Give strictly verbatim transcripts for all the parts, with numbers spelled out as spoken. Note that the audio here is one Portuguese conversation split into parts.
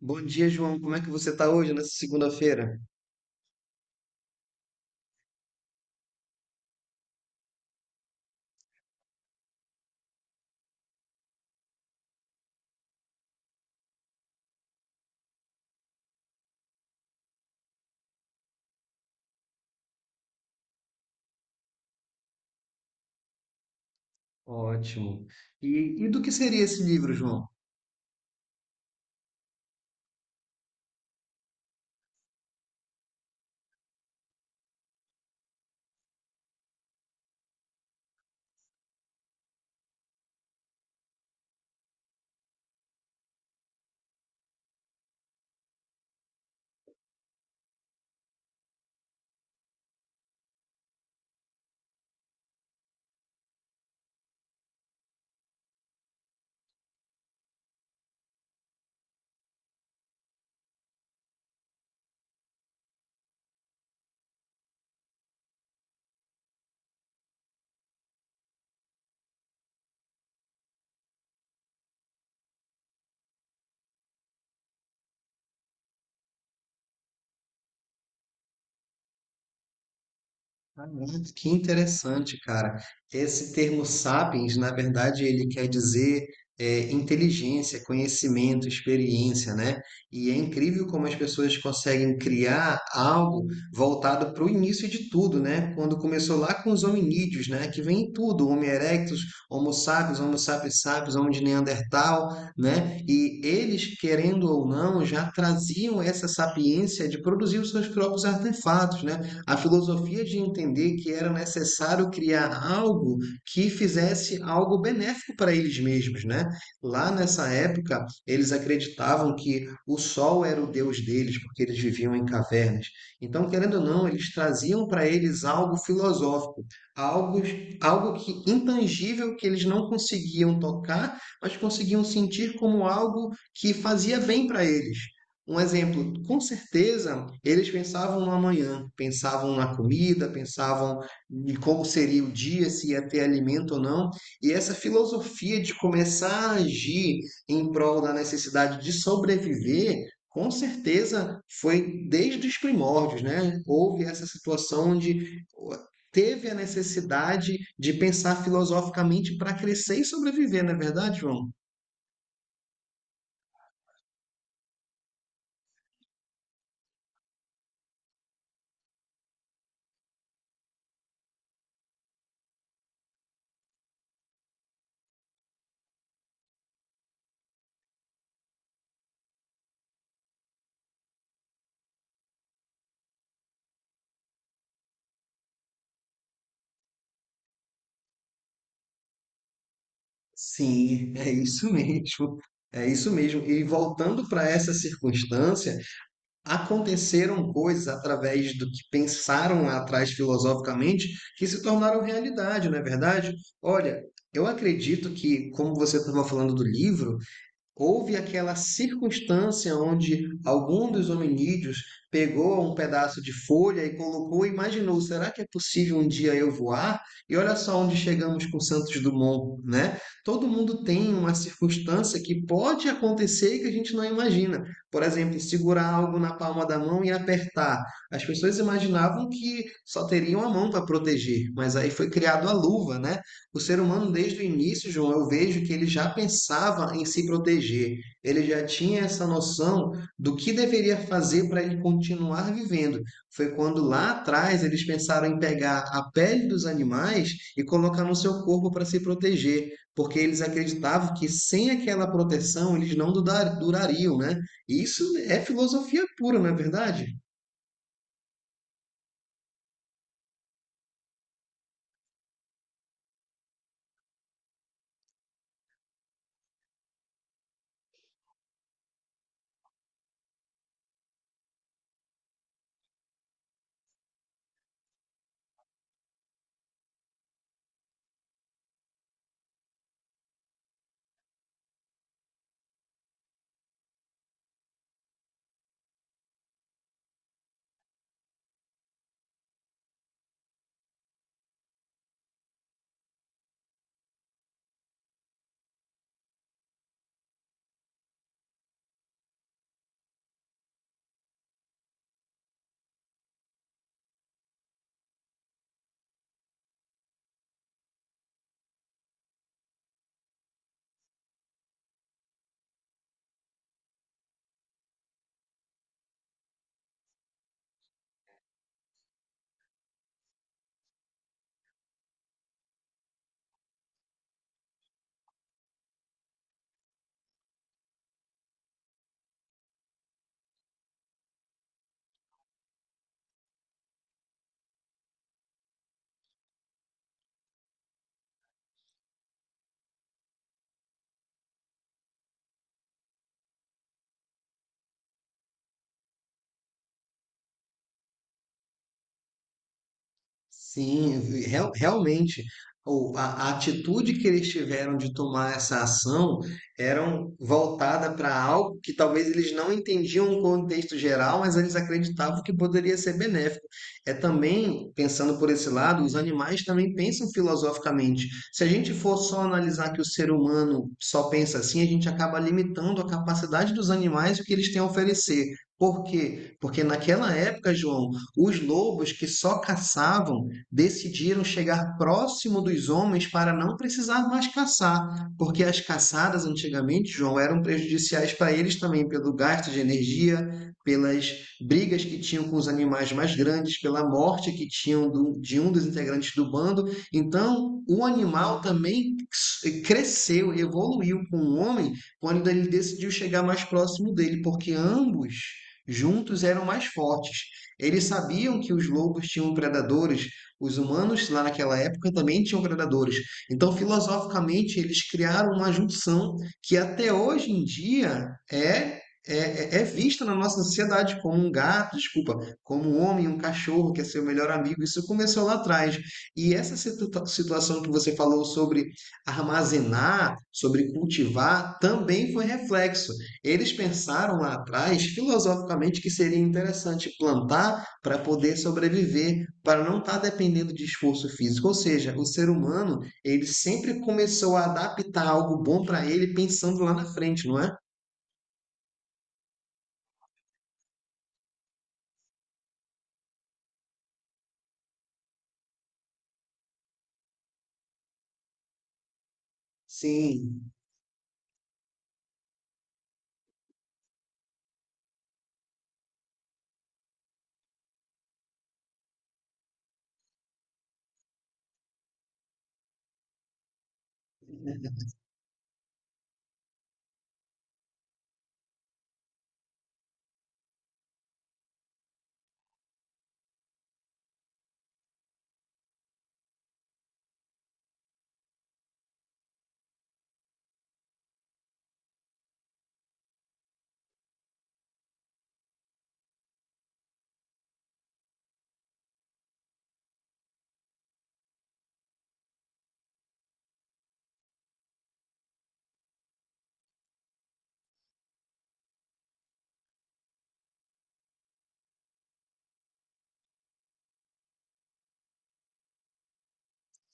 Bom dia, João. Como é que você está hoje, nessa segunda-feira? Ótimo. E, e do que seria esse livro, João? Ah, muito- Que interessante, cara. Esse termo sapiens, na verdade, ele quer dizer é, inteligência, conhecimento, experiência, né? E é incrível como as pessoas conseguem criar algo voltado para o início de tudo, né? Quando começou lá com os hominídeos, né? Que vem em tudo, Homo erectus, Homo sapiens, Homo sapiens sapiens, Homo de Neandertal, né? E eles, querendo ou não, já traziam essa sapiência de produzir os seus próprios artefatos, né? A filosofia de entender que era necessário criar algo que fizesse algo benéfico para eles mesmos, né? Lá nessa época, eles acreditavam que o sol era o deus deles, porque eles viviam em cavernas. Então, querendo ou não, eles traziam para eles algo filosófico, algo, algo que intangível que eles não conseguiam tocar, mas conseguiam sentir como algo que fazia bem para eles. Um exemplo, com certeza eles pensavam no amanhã, pensavam na comida, pensavam em como seria o dia, se ia ter alimento ou não, e essa filosofia de começar a agir em prol da necessidade de sobreviver, com certeza foi desde os primórdios, né? Houve essa situação onde teve a necessidade de pensar filosoficamente para crescer e sobreviver, não é verdade, João? Sim, é isso mesmo. É isso mesmo. E voltando para essa circunstância, aconteceram coisas através do que pensaram lá atrás filosoficamente que se tornaram realidade, não é verdade? Olha, eu acredito que, como você estava falando do livro, houve aquela circunstância onde algum dos hominídeos pegou um pedaço de folha e colocou, e imaginou, será que é possível um dia eu voar? E olha só onde chegamos com Santos Dumont, né? Todo mundo tem uma circunstância que pode acontecer e que a gente não imagina. Por exemplo, segurar algo na palma da mão e apertar. As pessoas imaginavam que só teriam a mão para proteger, mas aí foi criado a luva, né? O ser humano, desde o início, João, eu vejo que ele já pensava em se proteger, ele já tinha essa noção do que deveria fazer para ele continuar vivendo. Foi quando lá atrás eles pensaram em pegar a pele dos animais e colocar no seu corpo para se proteger, porque eles acreditavam que sem aquela proteção eles não duda- durariam, né? E isso é filosofia pura, não é verdade? Sim, real- realmente, o- a, a atitude que eles tiveram de tomar essa ação eram voltada para algo que talvez eles não entendiam o contexto geral, mas eles acreditavam que poderia ser benéfico. É também, pensando por esse lado, os animais também pensam filosoficamente. Se a gente for só analisar que o ser humano só pensa assim, a gente acaba limitando a capacidade dos animais e o que eles têm a oferecer. Por quê? Porque naquela época, João, os lobos que só caçavam decidiram chegar próximo dos homens para não precisar mais caçar, porque as caçadas antigamente, João, eram prejudiciais para eles também pelo gasto de energia, pelas brigas que tinham com os animais mais grandes, pela morte que tinham do- de um dos integrantes do bando. Então, o animal também cresceu, evoluiu com o homem quando ele decidiu chegar mais próximo dele, porque ambos juntos eram mais fortes. Eles sabiam que os lobos tinham predadores, os humanos lá naquela época também tinham predadores. Então, filosoficamente, eles criaram uma junção que até hoje em dia é. É, é- é vista na nossa sociedade como um gato, desculpa, como um homem, um cachorro que é seu melhor amigo. Isso começou lá atrás. E essa situa- situação que você falou sobre armazenar, sobre cultivar, também foi reflexo. Eles pensaram lá atrás, filosoficamente, que seria interessante plantar para poder sobreviver, para não estar dependendo de esforço físico. Ou seja, o ser humano, ele sempre começou a adaptar algo bom para ele pensando lá na frente, não é? Sim,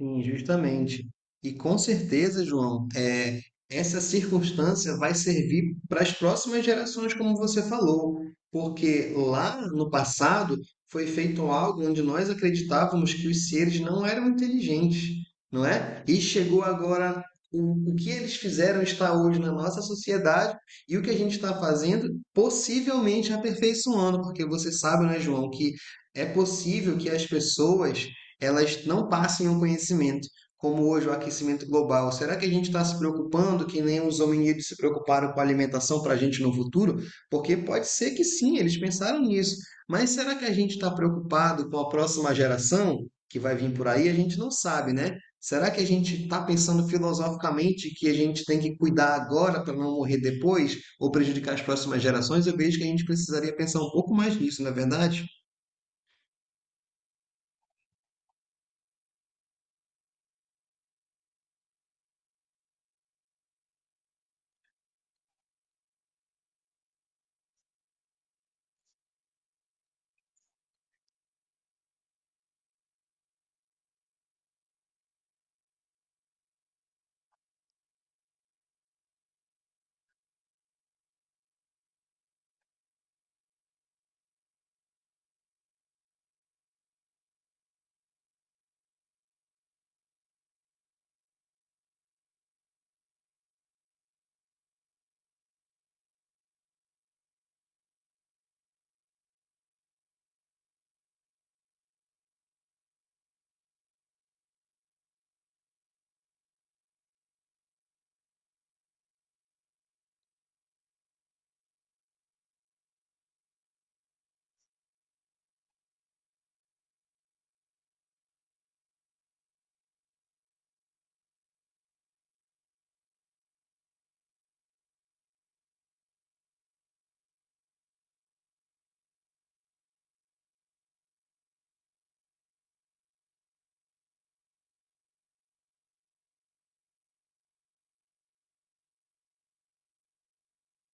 sim, justamente. E com certeza, João, é, essa circunstância vai servir para as próximas gerações, como você falou, porque lá no passado foi feito algo onde nós acreditávamos que os seres não eram inteligentes, não é? E chegou agora o, o que eles fizeram está hoje na nossa sociedade e o que a gente está fazendo possivelmente aperfeiçoando, porque você sabe, né, João, que é possível que as pessoas elas não passem um conhecimento, como hoje o aquecimento global. Será que a gente está se preocupando que nem os hominídeos se preocuparam com a alimentação para a gente no futuro? Porque pode ser que sim, eles pensaram nisso. Mas será que a gente está preocupado com a próxima geração que vai vir por aí? A gente não sabe, né? Será que a gente está pensando filosoficamente que a gente tem que cuidar agora para não morrer depois ou prejudicar as próximas gerações? Eu vejo que a gente precisaria pensar um pouco mais nisso, não é verdade?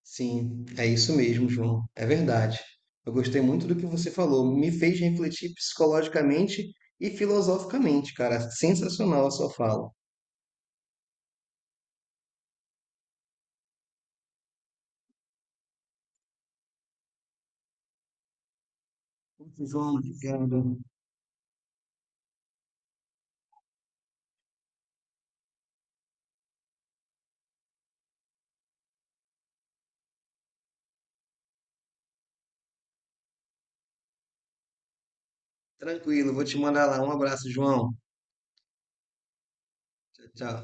Sim, é isso mesmo, João. É verdade. Eu gostei muito do que você falou. Me fez refletir psicologicamente e filosoficamente, cara. Sensacional a sua fala. Putz, João, obrigado. Tranquilo, vou te mandar lá. Um abraço, João. Tchau, tchau.